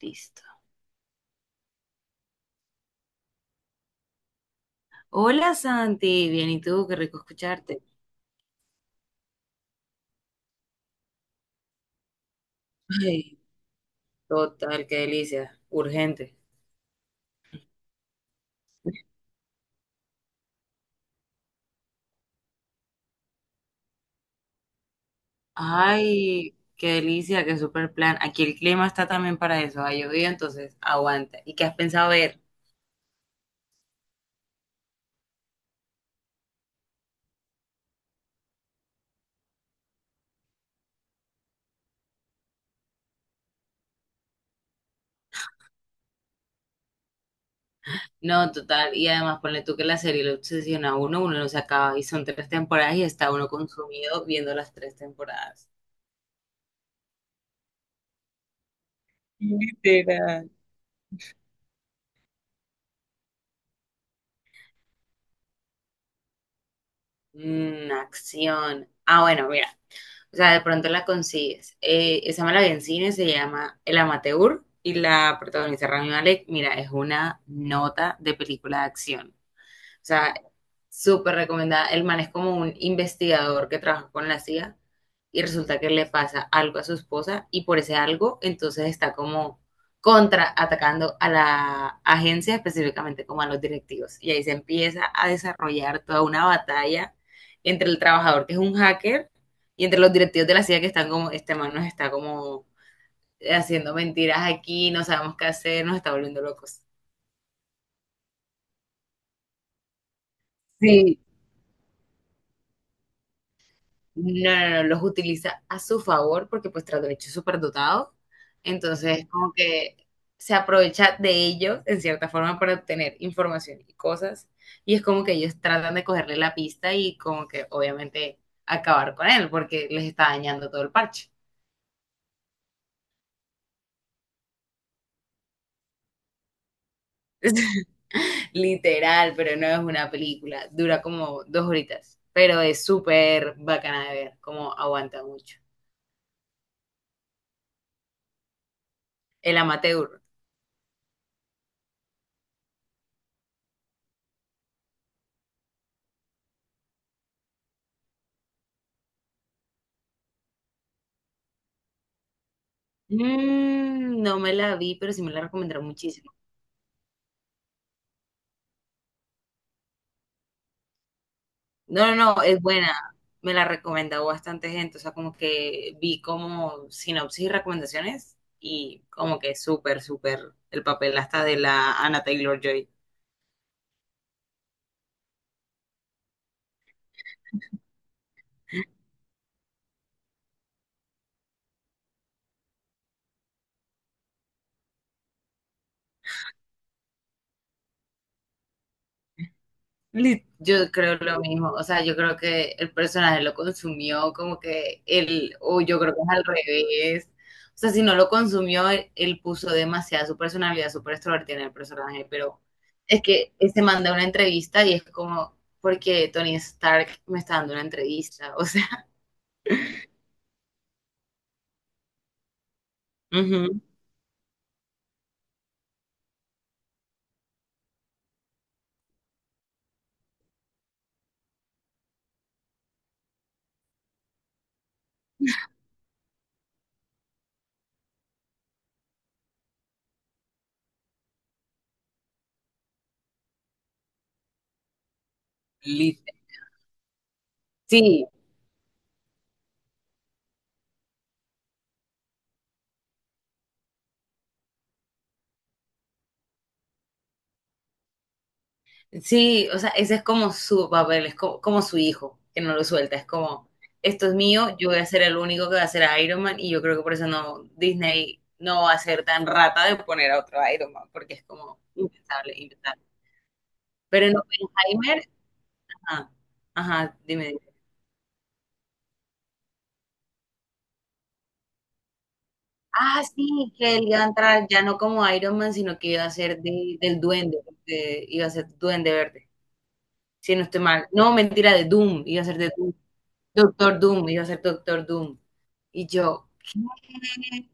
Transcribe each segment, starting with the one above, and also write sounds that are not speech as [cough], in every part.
Listo. Hola Santi, bien, ¿y tú? Qué rico escucharte. Ay, total, qué delicia. Urgente. Ay, qué delicia, qué super plan. Aquí el clima está también para eso. Ha llovido, entonces aguanta. ¿Y qué has pensado ver? No, total. Y además, ponle tú que la serie lo obsesiona a uno, uno no se acaba. Y son tres temporadas y está uno consumido viendo las tres temporadas. Literal. Acción. Ah, bueno, mira. O sea, de pronto la consigues. Esa me la vi en cine, se llama El Amateur y la protagoniza Rami Malek. Mira, es una nota de película de acción. O sea, súper recomendada. El man es como un investigador que trabaja con la CIA y resulta que le pasa algo a su esposa y por ese algo entonces está como contraatacando a la agencia, específicamente como a los directivos. Y ahí se empieza a desarrollar toda una batalla entre el trabajador que es un hacker y entre los directivos de la CIA que están como, este man nos está como haciendo mentiras aquí, no sabemos qué hacer, nos está volviendo locos. Sí. No, no, no, los utiliza a su favor porque pues tras derecho es súper dotado. Entonces, como que se aprovecha de ellos en cierta forma para obtener información y cosas. Y es como que ellos tratan de cogerle la pista y como que obviamente acabar con él porque les está dañando todo el parche. [laughs] Literal, pero no es una película. Dura como dos horitas, pero es súper bacana de ver, como aguanta mucho. El amateur. No me la vi, pero sí me la recomendaron muchísimo. No, no, no, es buena. Me la recomendó bastante gente. O sea, como que vi como sinopsis y recomendaciones y como que súper, súper el papel hasta de la Anna Taylor-Joy. Yo creo lo mismo, o sea, yo creo que el personaje lo consumió como que él, o yo creo que es al revés, o sea, si no lo consumió, él puso demasiada su personalidad súper extrovertida en el personaje, pero es que él se manda una entrevista y es como, porque Tony Stark me está dando una entrevista, o sea, [laughs] ujú, lit- sí, Sí, o sea, ese es como su papel, como, su hijo, que no lo suelta, es como, esto es mío, yo voy a ser el único que va a ser Iron Man y yo creo que por eso no, Disney no va a ser tan rata de poner a otro Iron Man, porque es como impensable, impensable. Pero en Oppenheimer, ajá, ajá, dime, dime. Ah, sí, que él iba a entrar ya no como Iron Man, sino que iba a ser del duende, iba a ser duende verde, si no estoy mal. No, mentira, de Doom, iba a ser de Doom. Doctor Doom, iba a ser Doctor Doom. Y yo, ¿qué?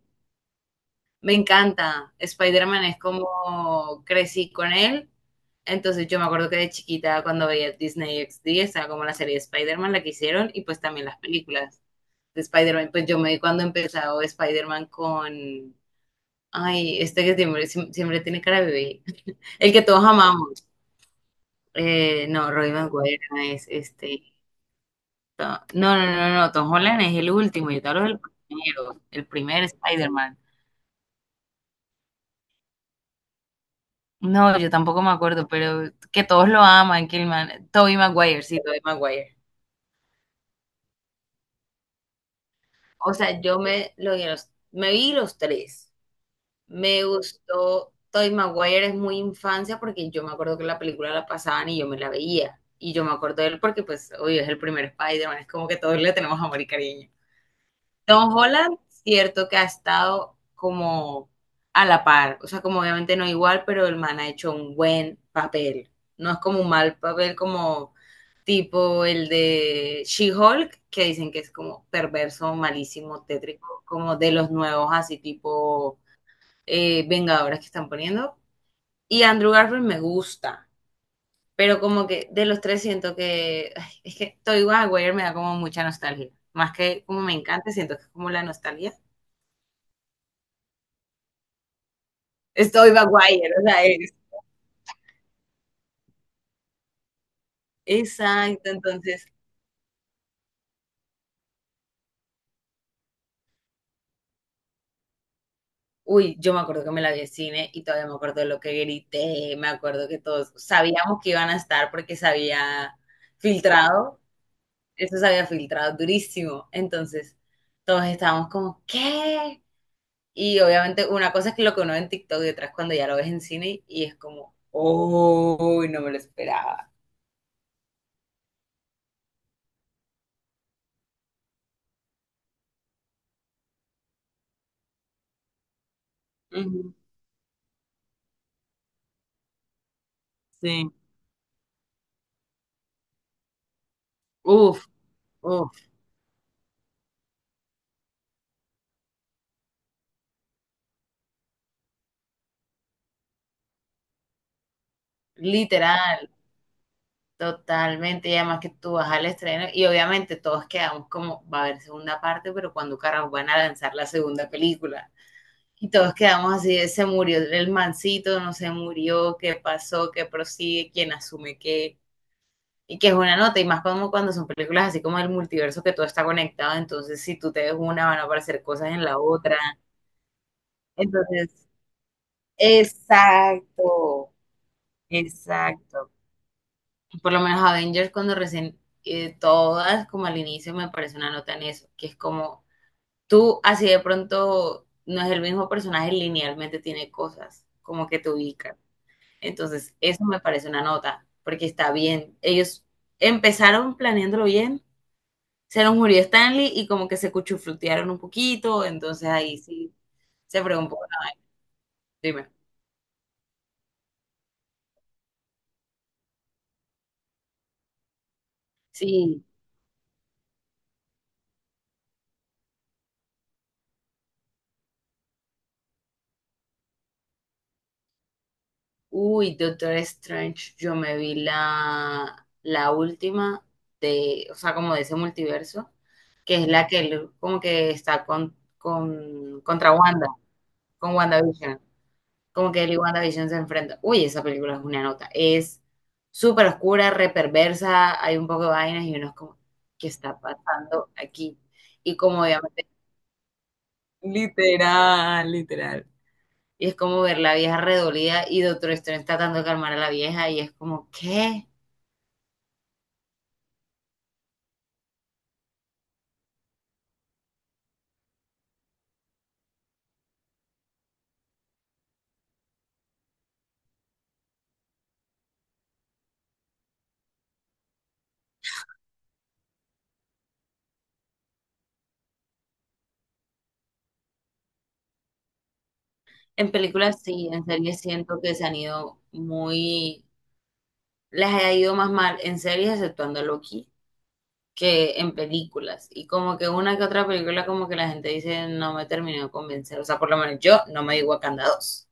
Me encanta. Spider-Man es como crecí con él. Entonces yo me acuerdo que de chiquita cuando veía Disney XD, estaba como la serie de Spider-Man, la que hicieron, y pues también las películas de Spider-Man. Pues yo me vi cuando empezó Spider-Man con... Ay, este que siempre, siempre tiene cara de bebé. El que todos amamos. No, Roy Maguire no es este... No, no, no, no, no, Tom Holland es el último, yo te hablo del primero, el primer Spider-Man. No, yo tampoco me acuerdo, pero que todos lo aman, que el man, Tobey Maguire, sí, Tobey Maguire. O sea, yo me, lo vi a los, me vi los tres. Me gustó Tobey Maguire, es muy infancia porque yo me acuerdo que la película la pasaban y yo me la veía. Y yo me acuerdo de él porque, pues, obvio, es el primer Spider-Man, es como que todos le tenemos amor y cariño. Tom Holland, cierto que ha estado como a la par, o sea, como obviamente no igual, pero el man ha hecho un buen papel. No es como un mal papel como tipo el de She-Hulk, que dicen que es como perverso, malísimo, tétrico, como de los nuevos, así tipo Vengadoras que están poniendo. Y Andrew Garfield me gusta, pero como que de los tres siento que ay, es que Toy Maguire me da como mucha nostalgia. Más que como me encanta, siento que es como la nostalgia. Es Toy Maguire, o sea, es. Exacto, entonces Uy, yo me acuerdo que me la vi en cine y todavía me acuerdo de lo que grité, me acuerdo que todos sabíamos que iban a estar porque se había filtrado, eso se había filtrado durísimo. Entonces, todos estábamos como, ¿qué? Y obviamente una cosa es que lo que uno ve en TikTok y otra es cuando ya lo ves en cine y es como, uy, no me lo esperaba. Ujú, Sí. Uf, uf. Literal. Totalmente, y además que tú vas al estreno y obviamente todos quedamos como, va a haber segunda parte, pero cuando carajo van a lanzar la segunda película. Y todos quedamos así, de, se murió el mancito, no se murió, qué pasó, qué prosigue, quién asume qué. Y que es una nota, y más como cuando son películas así como el multiverso que todo está conectado, entonces si tú te ves una van a aparecer cosas en la otra. Entonces, exacto, exacto. Por lo menos Avengers cuando recién, todas como al inicio me parece una nota en eso, que es como tú así de pronto no es el mismo personaje, linealmente tiene cosas como que te ubican. Entonces, eso me parece una nota, porque está bien. Ellos empezaron planeándolo bien, se nos murió Stanley y como que se cuchuflutearon un poquito, entonces ahí sí se fregó un poco. Dime. Sí, Uy, Doctor Strange, yo me vi la, la última de, o sea, como de ese multiverso, que es la que él como que está con, contra Wanda, con WandaVision, como que él y WandaVision se enfrentan. Uy, esa película es una nota, es súper oscura, reperversa, hay un poco de vainas y uno es como, ¿qué está pasando aquí? Y como obviamente, literal, literal. Y es como ver la vieja redolida y Doctor Strange tratando de calmar a la vieja y es como, ¿qué? En películas sí, en series siento que se han ido muy, les ha ido más mal en series exceptuando Loki que en películas. Y como que una que otra película como que la gente dice no me terminó de convencer. O sea, por lo menos yo no me di Wakanda 2.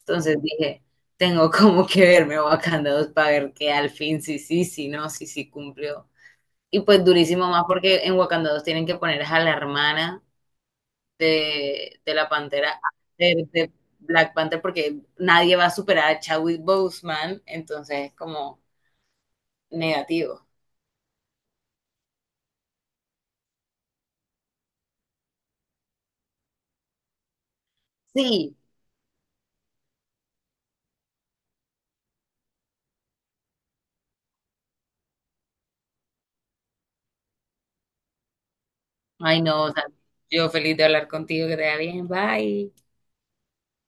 Entonces dije, tengo como que verme Wakanda 2 para ver que al fin sí, sí, sí, no, sí, sí cumplió. Y pues durísimo más porque en Wakanda 2 tienen que poner a la hermana de la Pantera, de Black Panther, porque nadie va a superar a Chadwick Boseman, entonces es como negativo. Sí, ay no, o sea, yo feliz de hablar contigo, que te vaya bien, bye.